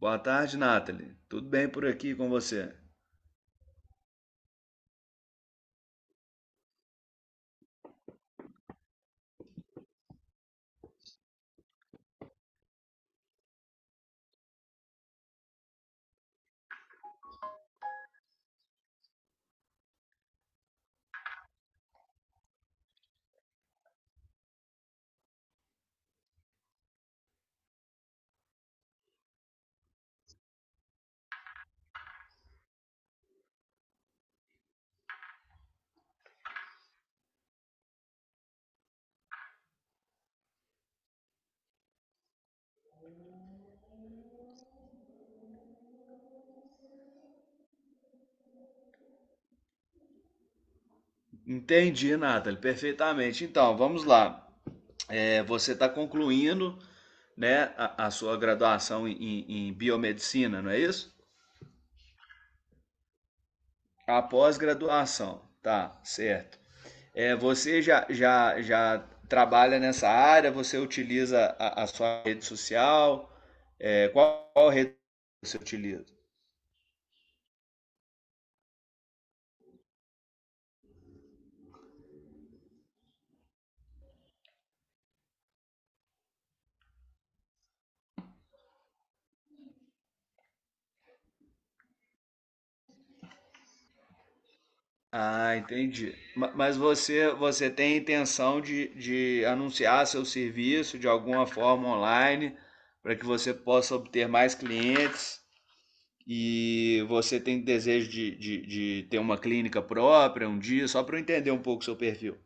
Boa tarde, Nathalie. Tudo bem por aqui com você? Entendi, Nathalie, perfeitamente. Então, vamos lá. Você está concluindo, né, a sua graduação em, biomedicina, não é isso? A pós-graduação, tá, certo. Você já trabalha nessa área? Você utiliza a sua rede social? Qual rede você utiliza? Ah, entendi. Mas você, você tem intenção de anunciar seu serviço de alguma forma online para que você possa obter mais clientes e você tem desejo de ter uma clínica própria um dia, só para eu entender um pouco o seu perfil.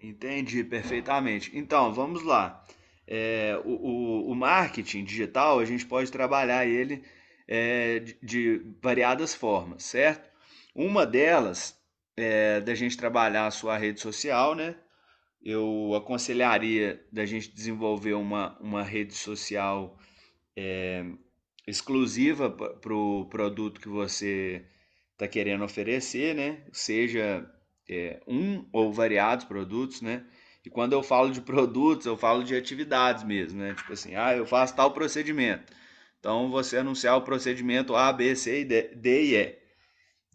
Entendi perfeitamente. Então, vamos lá. É, o marketing digital, a gente pode trabalhar ele de variadas formas, certo? Uma delas é da gente trabalhar a sua rede social, né? Eu aconselharia da gente desenvolver uma rede social exclusiva para o produto que você está querendo oferecer, né? Seja um ou variados produtos, né? E quando eu falo de produtos, eu falo de atividades mesmo, né? Tipo assim, ah, eu faço tal procedimento. Então você anunciar o procedimento A, B, C, D e E.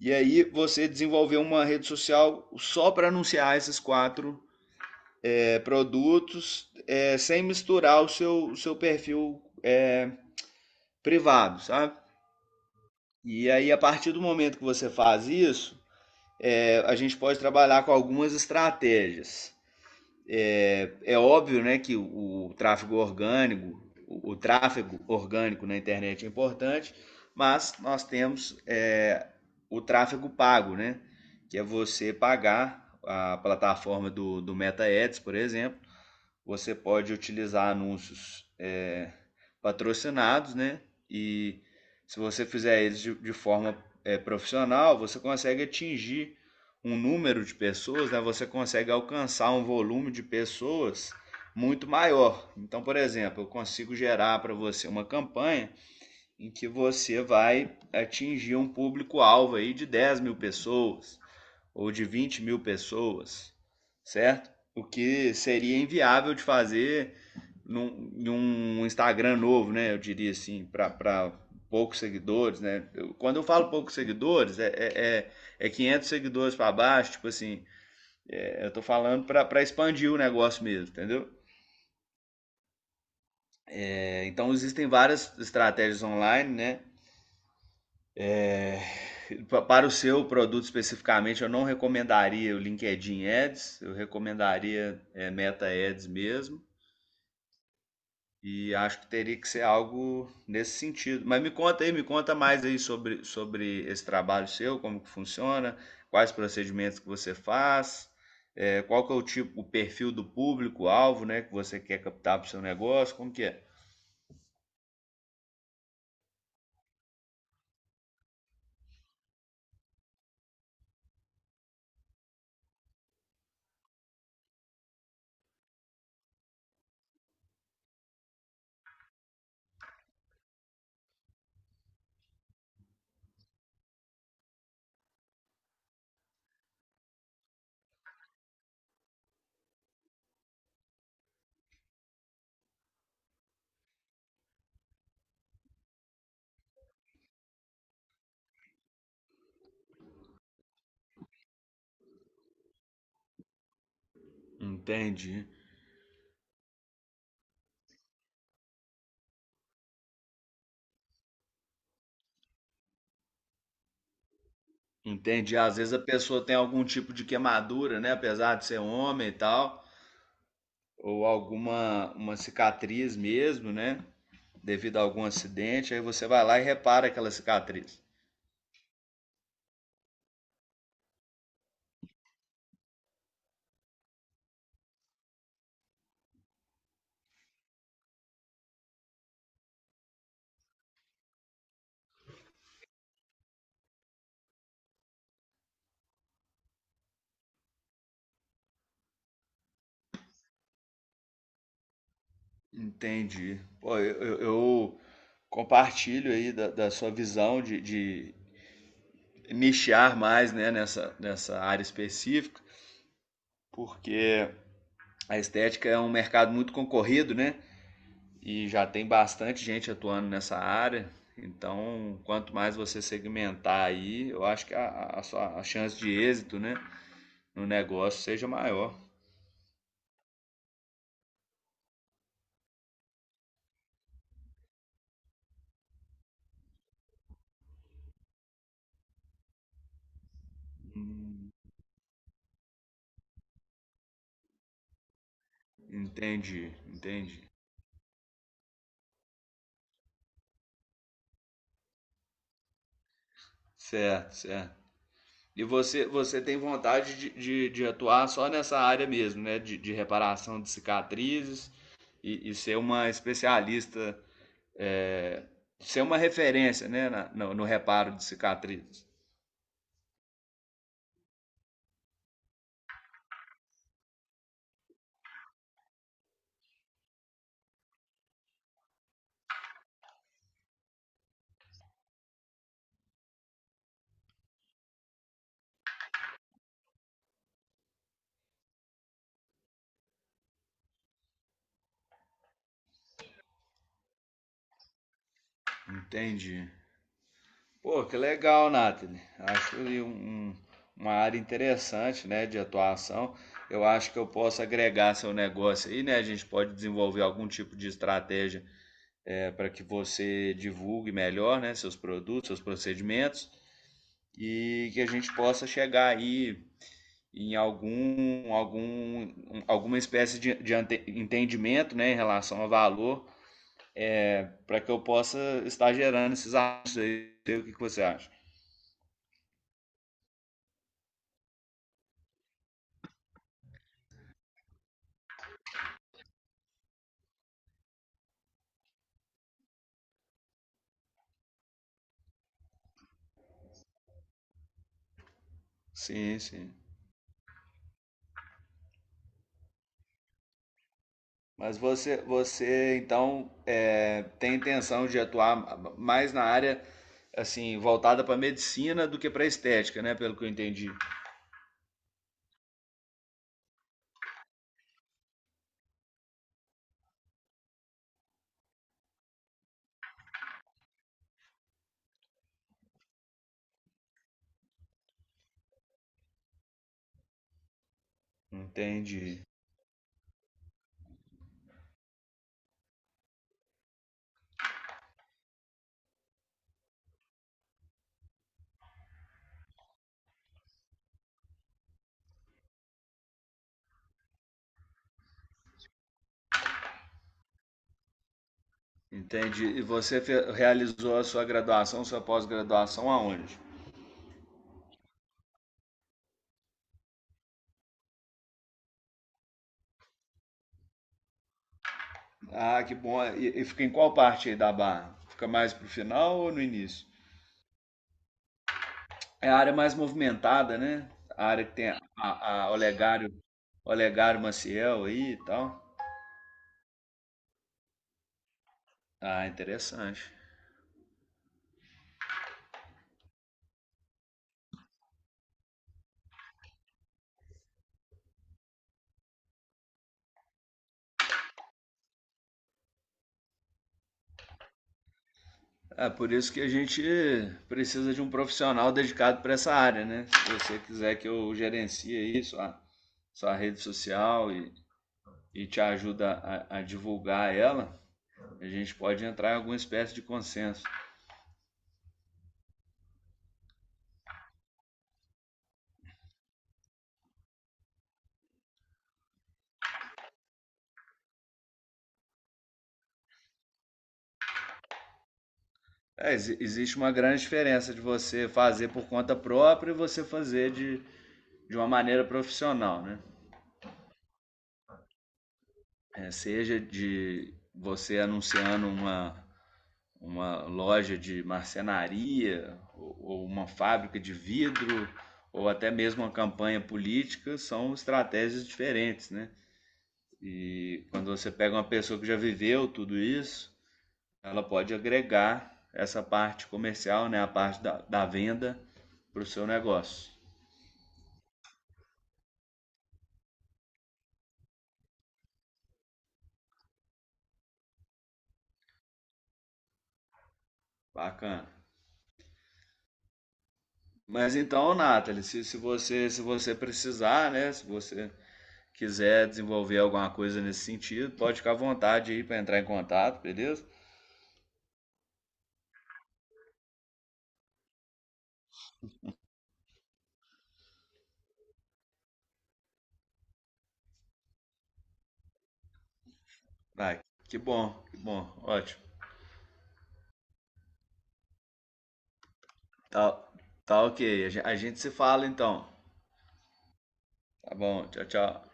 E aí você desenvolveu uma rede social só para anunciar esses quatro produtos, sem misturar o seu perfil privado, sabe? E aí, a partir do momento que você faz isso, a gente pode trabalhar com algumas estratégias. É óbvio né, que o tráfego orgânico, tráfego orgânico na internet é importante, mas nós temos o tráfego pago, né, que é você pagar a plataforma do Meta Ads, por exemplo, você pode utilizar anúncios patrocinados, né? E se você fizer eles de forma profissional, você consegue atingir um número de pessoas, né? Você consegue alcançar um volume de pessoas muito maior. Então, por exemplo, eu consigo gerar para você uma campanha em que você vai atingir um público-alvo aí de 10 mil pessoas, ou de 20 mil pessoas, certo? O que seria inviável de fazer num Instagram novo, né? Eu diria assim, para poucos seguidores, né? Eu, quando eu falo poucos seguidores, é, é 500 seguidores para baixo, tipo assim, eu tô falando para expandir o negócio mesmo, entendeu? Então existem várias estratégias online, né? Para o seu produto especificamente, eu não recomendaria o LinkedIn Ads, eu recomendaria Meta Ads mesmo. E acho que teria que ser algo nesse sentido. Mas me conta aí, me conta mais aí sobre, sobre esse trabalho seu, como que funciona, quais procedimentos que você faz, qual que é o tipo, o perfil do público-alvo, né, que você quer captar para o seu negócio, como que é? Entendi. Entendi. Às vezes a pessoa tem algum tipo de queimadura, né, apesar de ser homem e tal, ou alguma uma cicatriz mesmo, né, devido a algum acidente, aí você vai lá e repara aquela cicatriz. Entendi. Pô, eu compartilho aí da, da sua visão de nichar mais, né, nessa área específica, porque a estética é um mercado muito concorrido, né? E já tem bastante gente atuando nessa área. Então, quanto mais você segmentar aí, eu acho que a sua a chance de êxito, né, no negócio seja maior. Entendi, entendi. Certo, certo. E você, você tem vontade de atuar só nessa área mesmo, né? De reparação de cicatrizes e ser uma especialista, é, ser uma referência, né? No, no reparo de cicatrizes. Entendi. Pô, que legal, Nathalie. Acho ali um, um- uma área interessante, né? De atuação. Eu acho que eu posso agregar seu negócio aí, né? A gente pode desenvolver algum tipo de estratégia para que você divulgue melhor, né, seus produtos, seus procedimentos e que a gente possa chegar aí em algum alguma espécie de entendimento né, em relação ao valor para que eu possa estar gerando esses atos aí. O que que você acha? Sim, sim. Mas você, você então tem intenção de atuar mais na área assim voltada para medicina do que para estética, né? Pelo que eu entendi. Entendi. Entendi. E você realizou a sua graduação, sua pós-graduação aonde? Ah, que bom. E fica em qual parte aí da barra? Fica mais pro final ou no início? É a área mais movimentada, né? A área que tem a Olegário, Olegário Maciel aí e tal. Ah, interessante. É por isso que a gente precisa de um profissional dedicado para essa área, né? Se você quiser que eu gerencie aí sua, sua rede social e te ajuda a divulgar ela, a gente pode entrar em alguma espécie de consenso. Existe uma grande diferença de você fazer por conta própria e você fazer de uma maneira profissional, né? É, seja de você anunciando uma loja de marcenaria, ou uma fábrica de vidro, ou até mesmo uma campanha política, são estratégias diferentes, né? E quando você pega uma pessoa que já viveu tudo isso, ela pode agregar essa parte comercial, né? A parte da venda para o seu negócio. Bacana. Mas então, Nathalie, se você precisar, né? Se você quiser desenvolver alguma coisa nesse sentido, pode ficar à vontade aí para entrar em contato, beleza? Ah, que bom, ótimo. Tá, tá ok. A gente se fala então. Tá bom, tchau, tchau.